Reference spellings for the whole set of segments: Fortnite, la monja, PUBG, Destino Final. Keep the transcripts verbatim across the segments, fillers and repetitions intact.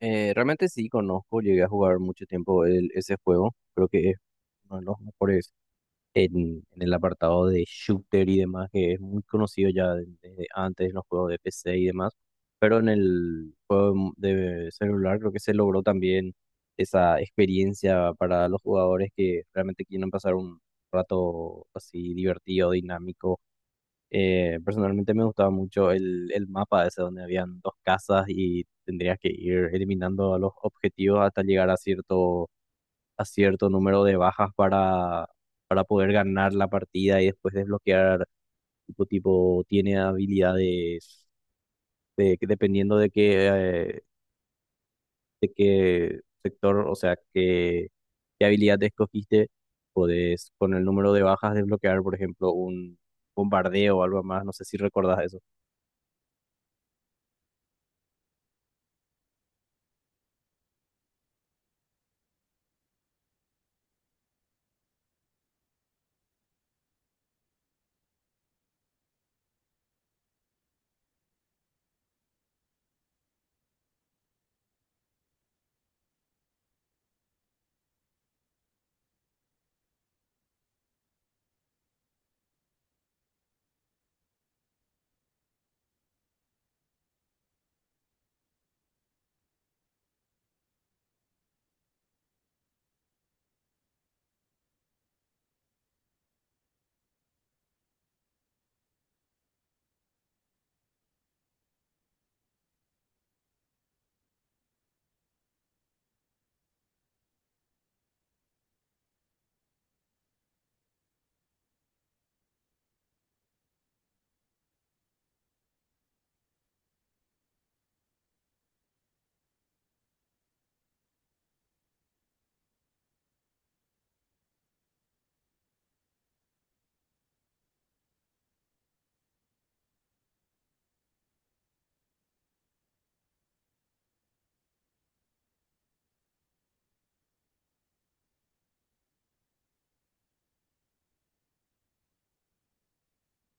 Eh, realmente sí conozco, llegué a jugar mucho tiempo el- ese juego, creo que es uno de los mejores en, en el apartado de shooter y demás, que es muy conocido ya de- desde antes en los juegos de P C y demás, pero en el juego de celular creo que se logró también esa experiencia para los jugadores que realmente quieren pasar un rato así divertido, dinámico. Eh, personalmente me gustaba mucho el, el mapa ese donde habían dos casas y tendrías que ir eliminando a los objetivos hasta llegar a cierto, a cierto número de bajas para, para poder ganar la partida y después desbloquear, tipo, tipo tiene habilidades de, que dependiendo de qué, eh, de qué sector, o sea, qué, qué habilidad escogiste, podés con el número de bajas desbloquear, por ejemplo, un bombardeo o algo más, no sé si recordás eso.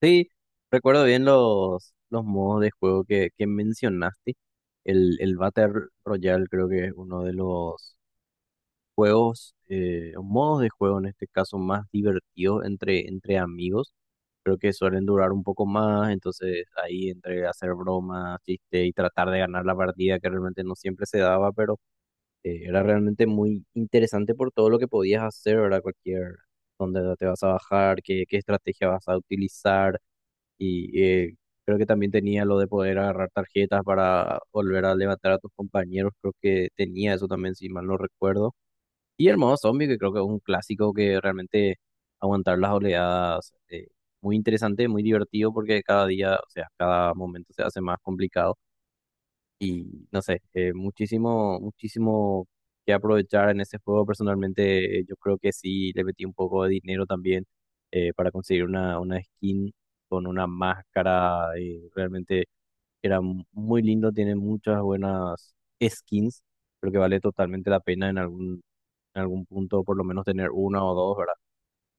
Sí, recuerdo bien los, los modos de juego que, que mencionaste. El, el Battle Royale creo que es uno de los juegos, eh, o modos de juego en este caso más divertidos entre, entre amigos. Creo que suelen durar un poco más, entonces ahí entre hacer bromas, chiste y tratar de ganar la partida que realmente no siempre se daba, pero eh, era realmente muy interesante por todo lo que podías hacer, ¿verdad? Cualquier, dónde te vas a bajar, qué, qué estrategia vas a utilizar y eh, creo que también tenía lo de poder agarrar tarjetas para volver a levantar a tus compañeros. Creo que tenía eso también, si mal no recuerdo. Y el modo zombie, que creo que es un clásico que realmente aguantar las oleadas. Eh, muy interesante, muy divertido porque cada día, o sea, cada momento se hace más complicado. Y no sé, eh, muchísimo, muchísimo que aprovechar en ese juego. Personalmente, eh, yo creo que sí le metí un poco de dinero también eh, para conseguir una, una skin con una máscara. Eh, realmente era mu- muy lindo, tiene muchas buenas skins. Creo que vale totalmente la pena en algún, en algún punto, por lo menos tener una o dos, ¿verdad?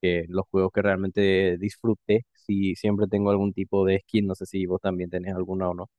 Que los juegos que realmente disfruté, si siempre tengo algún tipo de skin, no sé si vos también tenés alguna o no.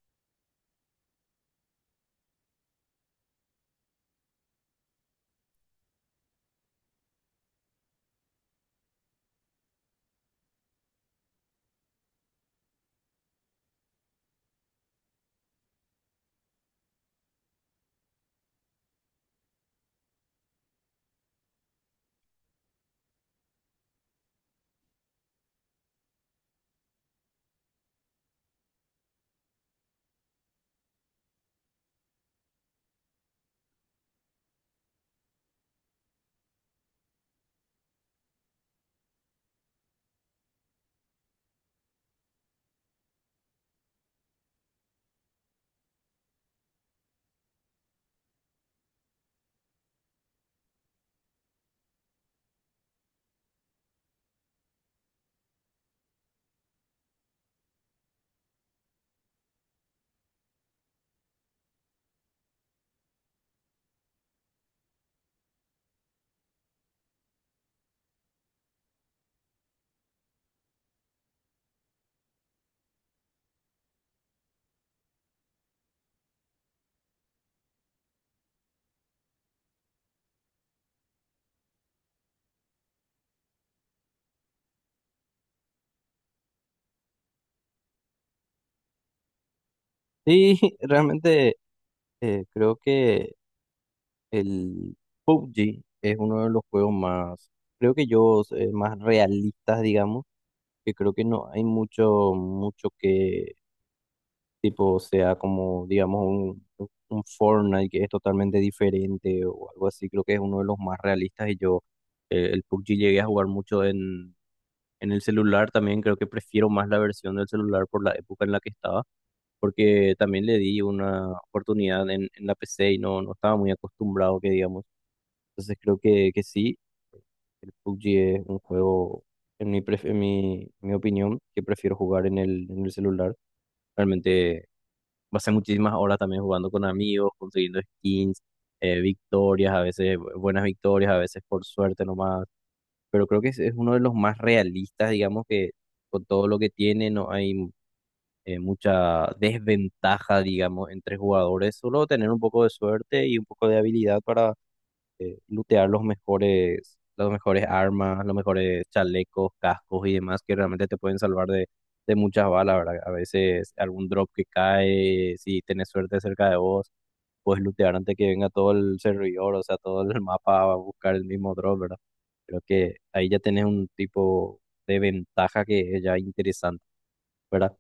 Sí, realmente. Eh, creo que el P U B G es uno de los juegos más, creo que yo, eh, más realistas, digamos, que creo que no hay mucho, mucho que tipo sea como, digamos, un, un Fortnite que es totalmente diferente o algo así, creo que es uno de los más realistas y yo eh, el P U B G llegué a jugar mucho en, en el celular también, creo que prefiero más la versión del celular por la época en la que estaba porque también le di una oportunidad en, en la P C y no, no estaba muy acostumbrado, que digamos. Entonces creo que, que sí, el P U B G es un juego, en mi, pref- en mi, mi opinión, que prefiero jugar en el, en el celular. Realmente pasé muchísimas horas también jugando con amigos, consiguiendo skins, eh, victorias, a veces bu- buenas victorias, a veces por suerte nomás. Pero creo que es, es uno de los más realistas, digamos, que con todo lo que tiene, no hay eh, mucha desventaja, digamos, entre jugadores, solo tener un poco de suerte y un poco de habilidad para eh, lootear los mejores, las mejores armas, los mejores chalecos, cascos y demás que realmente te pueden salvar de, de muchas balas, ¿verdad? A veces algún drop que cae, si tenés suerte cerca de vos, puedes lootear antes que venga todo el servidor, o sea, todo el mapa va a buscar el mismo drop, ¿verdad? Creo que ahí ya tenés un tipo de ventaja que es ya interesante. ¿Verdad?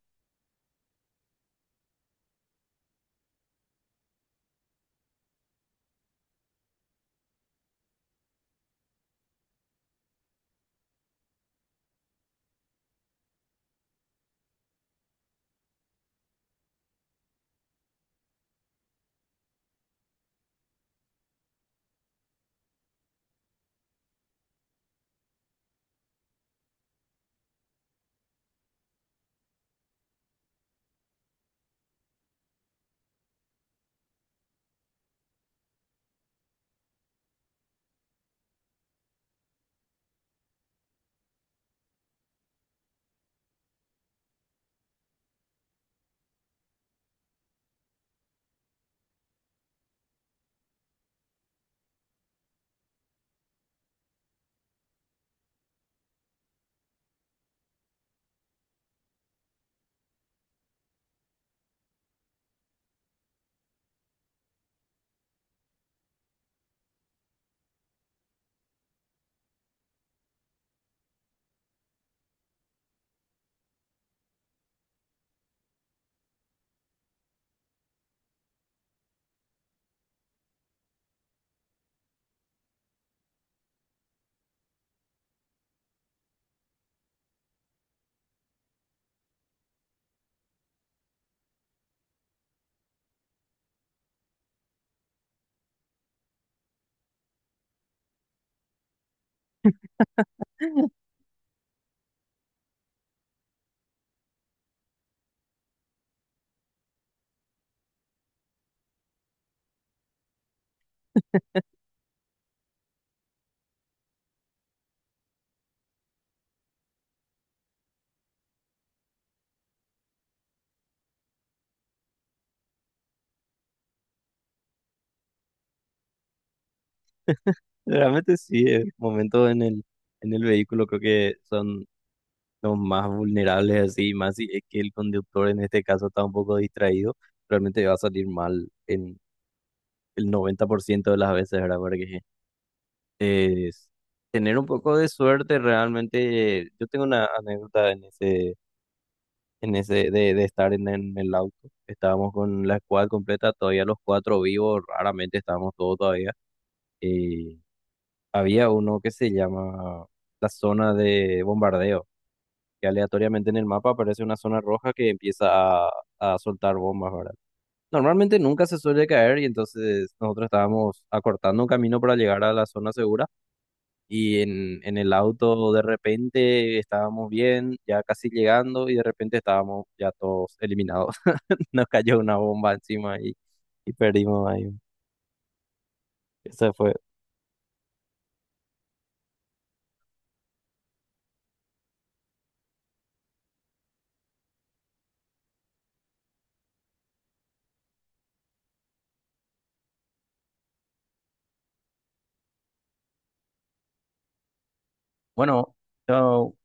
Realmente sí, el momento en el, en el vehículo creo que son los más vulnerables así, más si es que el conductor en este caso está un poco distraído, realmente va a salir mal en el noventa por ciento de las veces, ¿verdad? Porque es tener un poco de suerte realmente, yo tengo una anécdota en ese, en ese, de, de estar en, en el auto, estábamos con la squad completa, todavía los cuatro vivos, raramente estábamos todos todavía, eh, había uno que se llama la zona de bombardeo, que aleatoriamente en el mapa aparece una zona roja que empieza a, a soltar bombas, ¿verdad? Normalmente nunca se suele caer y entonces nosotros estábamos acortando un camino para llegar a la zona segura y en, en el auto de repente estábamos bien, ya casi llegando y de repente estábamos ya todos eliminados. Nos cayó una bomba encima y, y perdimos ahí. Eso fue. Bueno, chao.